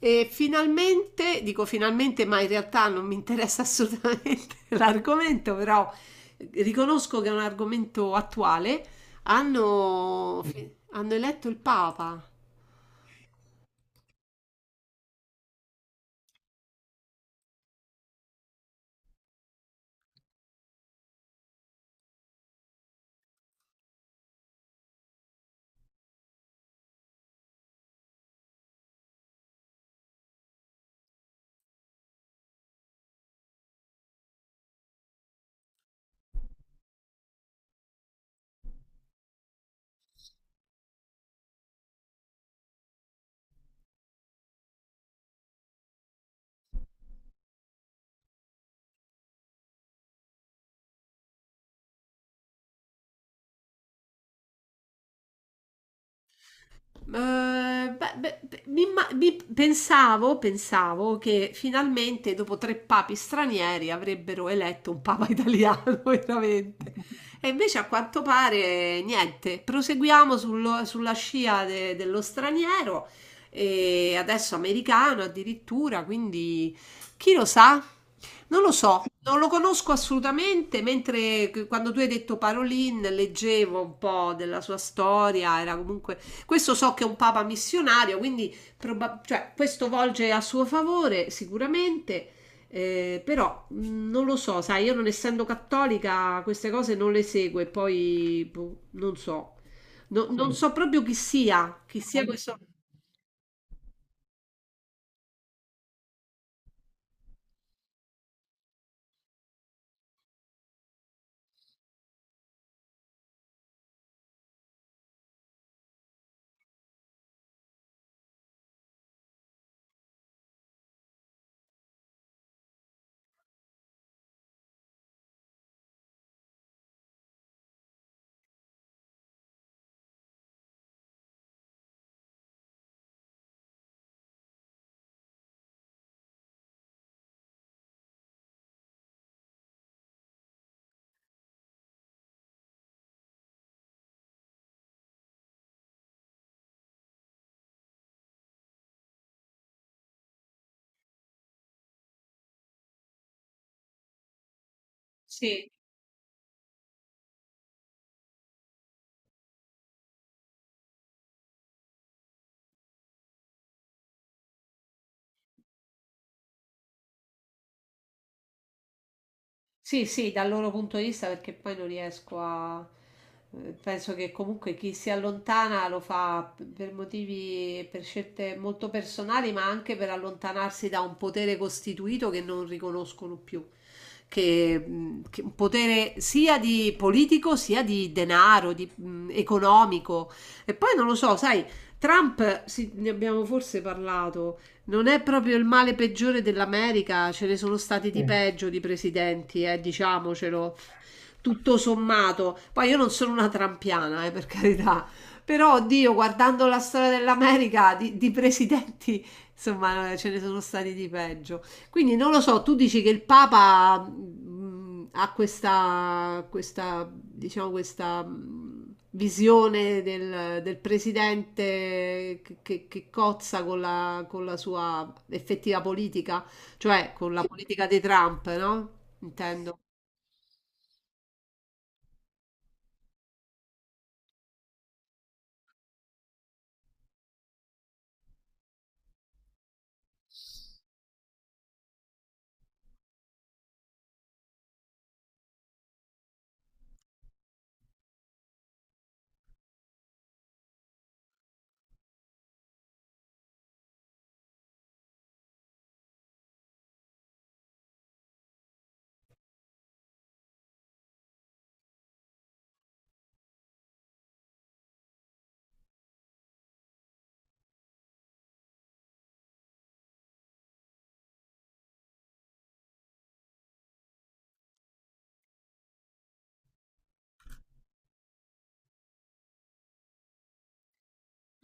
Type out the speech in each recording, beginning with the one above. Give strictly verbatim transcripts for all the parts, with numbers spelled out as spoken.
E finalmente, dico finalmente, ma in realtà non mi interessa assolutamente l'argomento, però riconosco che è un argomento attuale. Hanno, hanno eletto il Papa. Eh, beh, beh, beh, mi imma- mi- pensavo, pensavo che finalmente dopo tre papi stranieri avrebbero eletto un papa italiano, veramente. E invece a quanto pare niente. Proseguiamo sullo- sulla scia de- dello straniero e adesso americano addirittura, quindi chi lo sa? Non lo so, non lo conosco assolutamente, mentre che- quando tu hai detto Parolin leggevo un po' della sua storia, era comunque questo so che è un papa missionario, quindi proba- cioè, questo volge a suo favore sicuramente, eh, però mh, non lo so, sai, io non essendo cattolica queste cose non le seguo e poi boh, non so, No- non so proprio chi sia, chi sia questo. Sì. Sì, sì, dal loro punto di vista perché poi non riesco a... eh, Penso che comunque chi si allontana lo fa per motivi, per scelte molto personali, ma anche per allontanarsi da un potere costituito che non riconoscono più, che, mh, che un potere sia di politico sia di denaro, di, mh, economico. E poi non lo so, sai, Trump, sì, ne abbiamo forse parlato, non è proprio il male peggiore dell'America, ce ne sono stati di Eh. peggio di presidenti, eh, diciamocelo tutto sommato. Poi io non sono una trampiana, eh, per carità. Però, oddio, guardando la storia dell'America, di, di presidenti, insomma, eh, ce ne sono stati di peggio. Quindi non lo so, tu dici che il Papa mh, ha questa, questa, diciamo, questa mh, visione del, del presidente che, che- che cozza con la, con la sua effettiva politica, cioè con la politica di Trump, no? Intendo.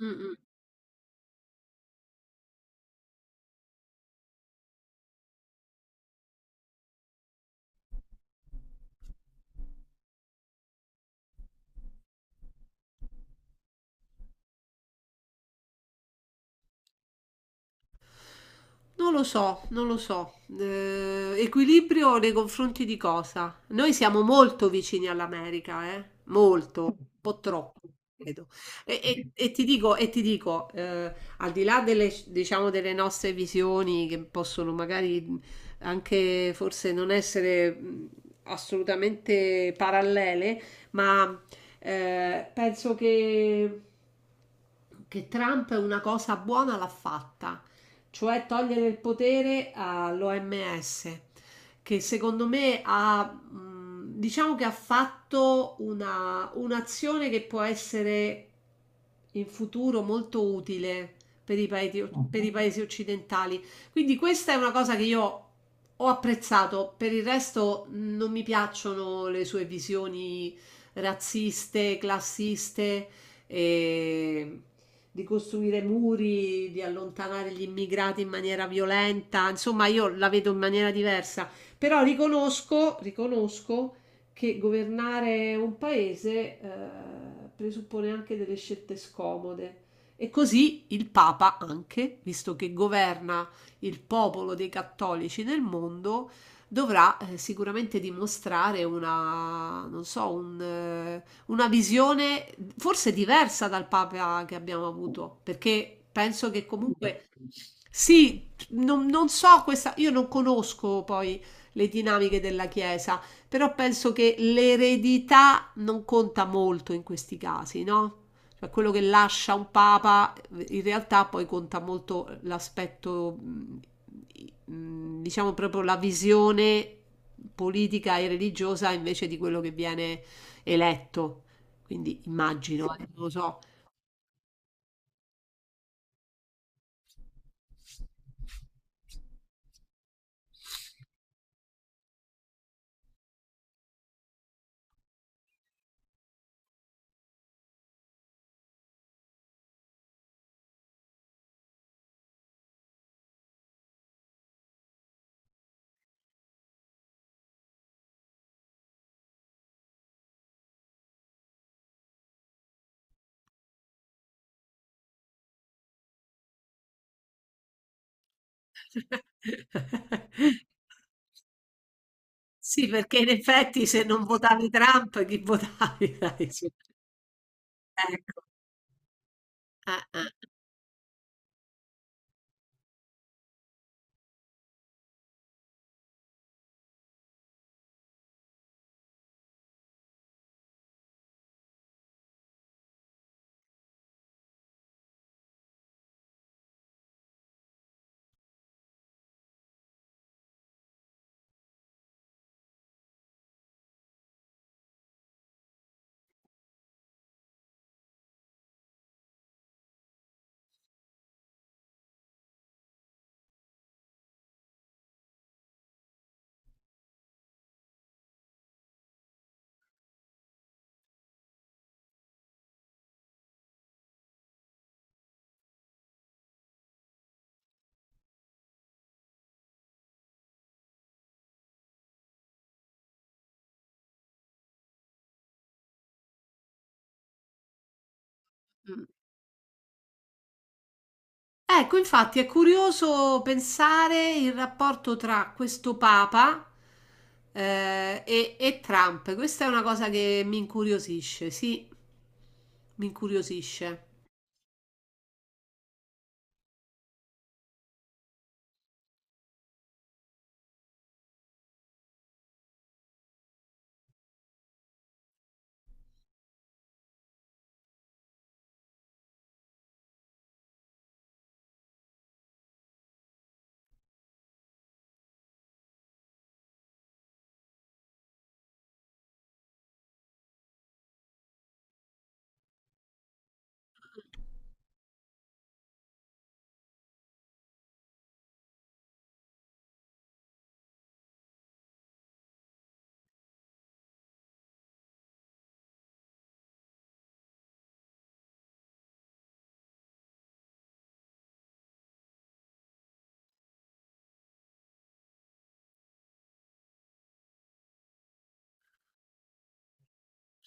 Mm, mm. Non lo so, non lo so. Eh, equilibrio nei confronti di cosa? Noi siamo molto vicini all'America, eh? Molto, un po' troppo, credo. E, e- e ti dico, e ti dico eh, al di là delle, diciamo, delle nostre visioni che possono magari anche forse non essere mh, assolutamente parallele, ma eh, penso che, che Trump una cosa buona l'ha fatta, cioè togliere il potere all'O M S, che secondo me ha, mh, diciamo che ha fatto una, un'azione che può essere in futuro molto utile per i, paesi, per i paesi occidentali. Quindi questa è una cosa che io ho apprezzato, per il resto non mi piacciono le sue visioni razziste, classiste. E di costruire muri, di allontanare gli immigrati in maniera violenta, insomma io la vedo in maniera diversa, però riconosco, riconosco che governare un paese eh, presuppone anche delle scelte scomode. E così il Papa anche, visto che governa il popolo dei cattolici nel mondo, dovrà eh, sicuramente dimostrare una, non so, un, eh, una visione forse diversa dal Papa che abbiamo avuto, perché penso che comunque sì, non, non so questa, io non conosco poi le dinamiche della Chiesa, però penso che l'eredità non conta molto in questi casi, no? Cioè quello che lascia un papa, in realtà poi conta molto l'aspetto, mm, diciamo proprio la visione politica e religiosa invece di quello che viene eletto. Quindi immagino, eh, non lo so. Sì, perché in effetti se non votavi Trump, chi votavi? Dai, su. Ecco. Ah, ah. Mm. Ecco, infatti è curioso pensare il rapporto tra questo Papa eh, e, e Trump. Questa è una cosa che mi incuriosisce, sì, mi incuriosisce.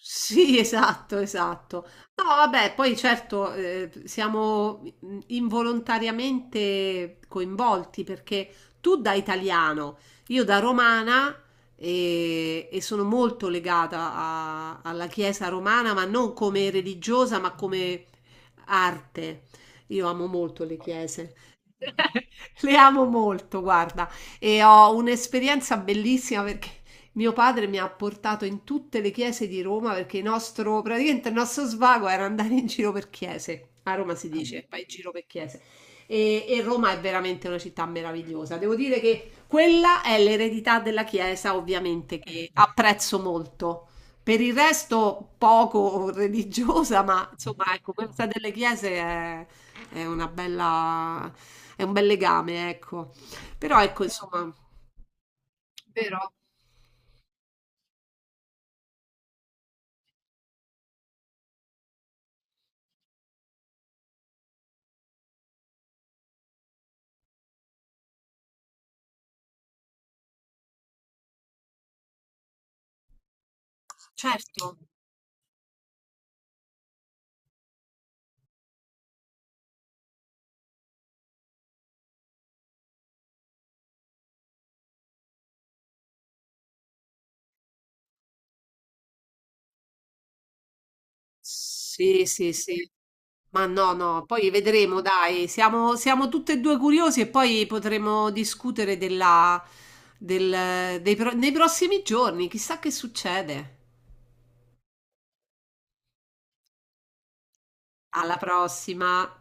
Sì, esatto, esatto. No, vabbè, poi certo, eh, siamo mh, involontariamente coinvolti perché tu da italiano, io da romana e, e sono molto legata a- alla Chiesa romana, ma non come religiosa, ma come arte. Io amo molto le chiese. Le amo molto, guarda, e ho un'esperienza bellissima perché mio padre mi ha portato in tutte le chiese di Roma perché il nostro, praticamente il nostro svago era andare in giro per chiese. A Roma si dice, vai in giro per chiese. E, e Roma è veramente una città meravigliosa. Devo dire che quella è l'eredità della Chiesa, ovviamente, che apprezzo molto. Per il resto, poco religiosa, ma insomma, ecco, questa delle chiese è, è una bella, è un bel legame, ecco. Però ecco, insomma, sì, sì, sì. Ma no, no, poi vedremo, dai, siamo, siamo tutte e due curiosi e poi potremo discutere della, del, dei pro- nei prossimi giorni, chissà che succede. Alla prossima.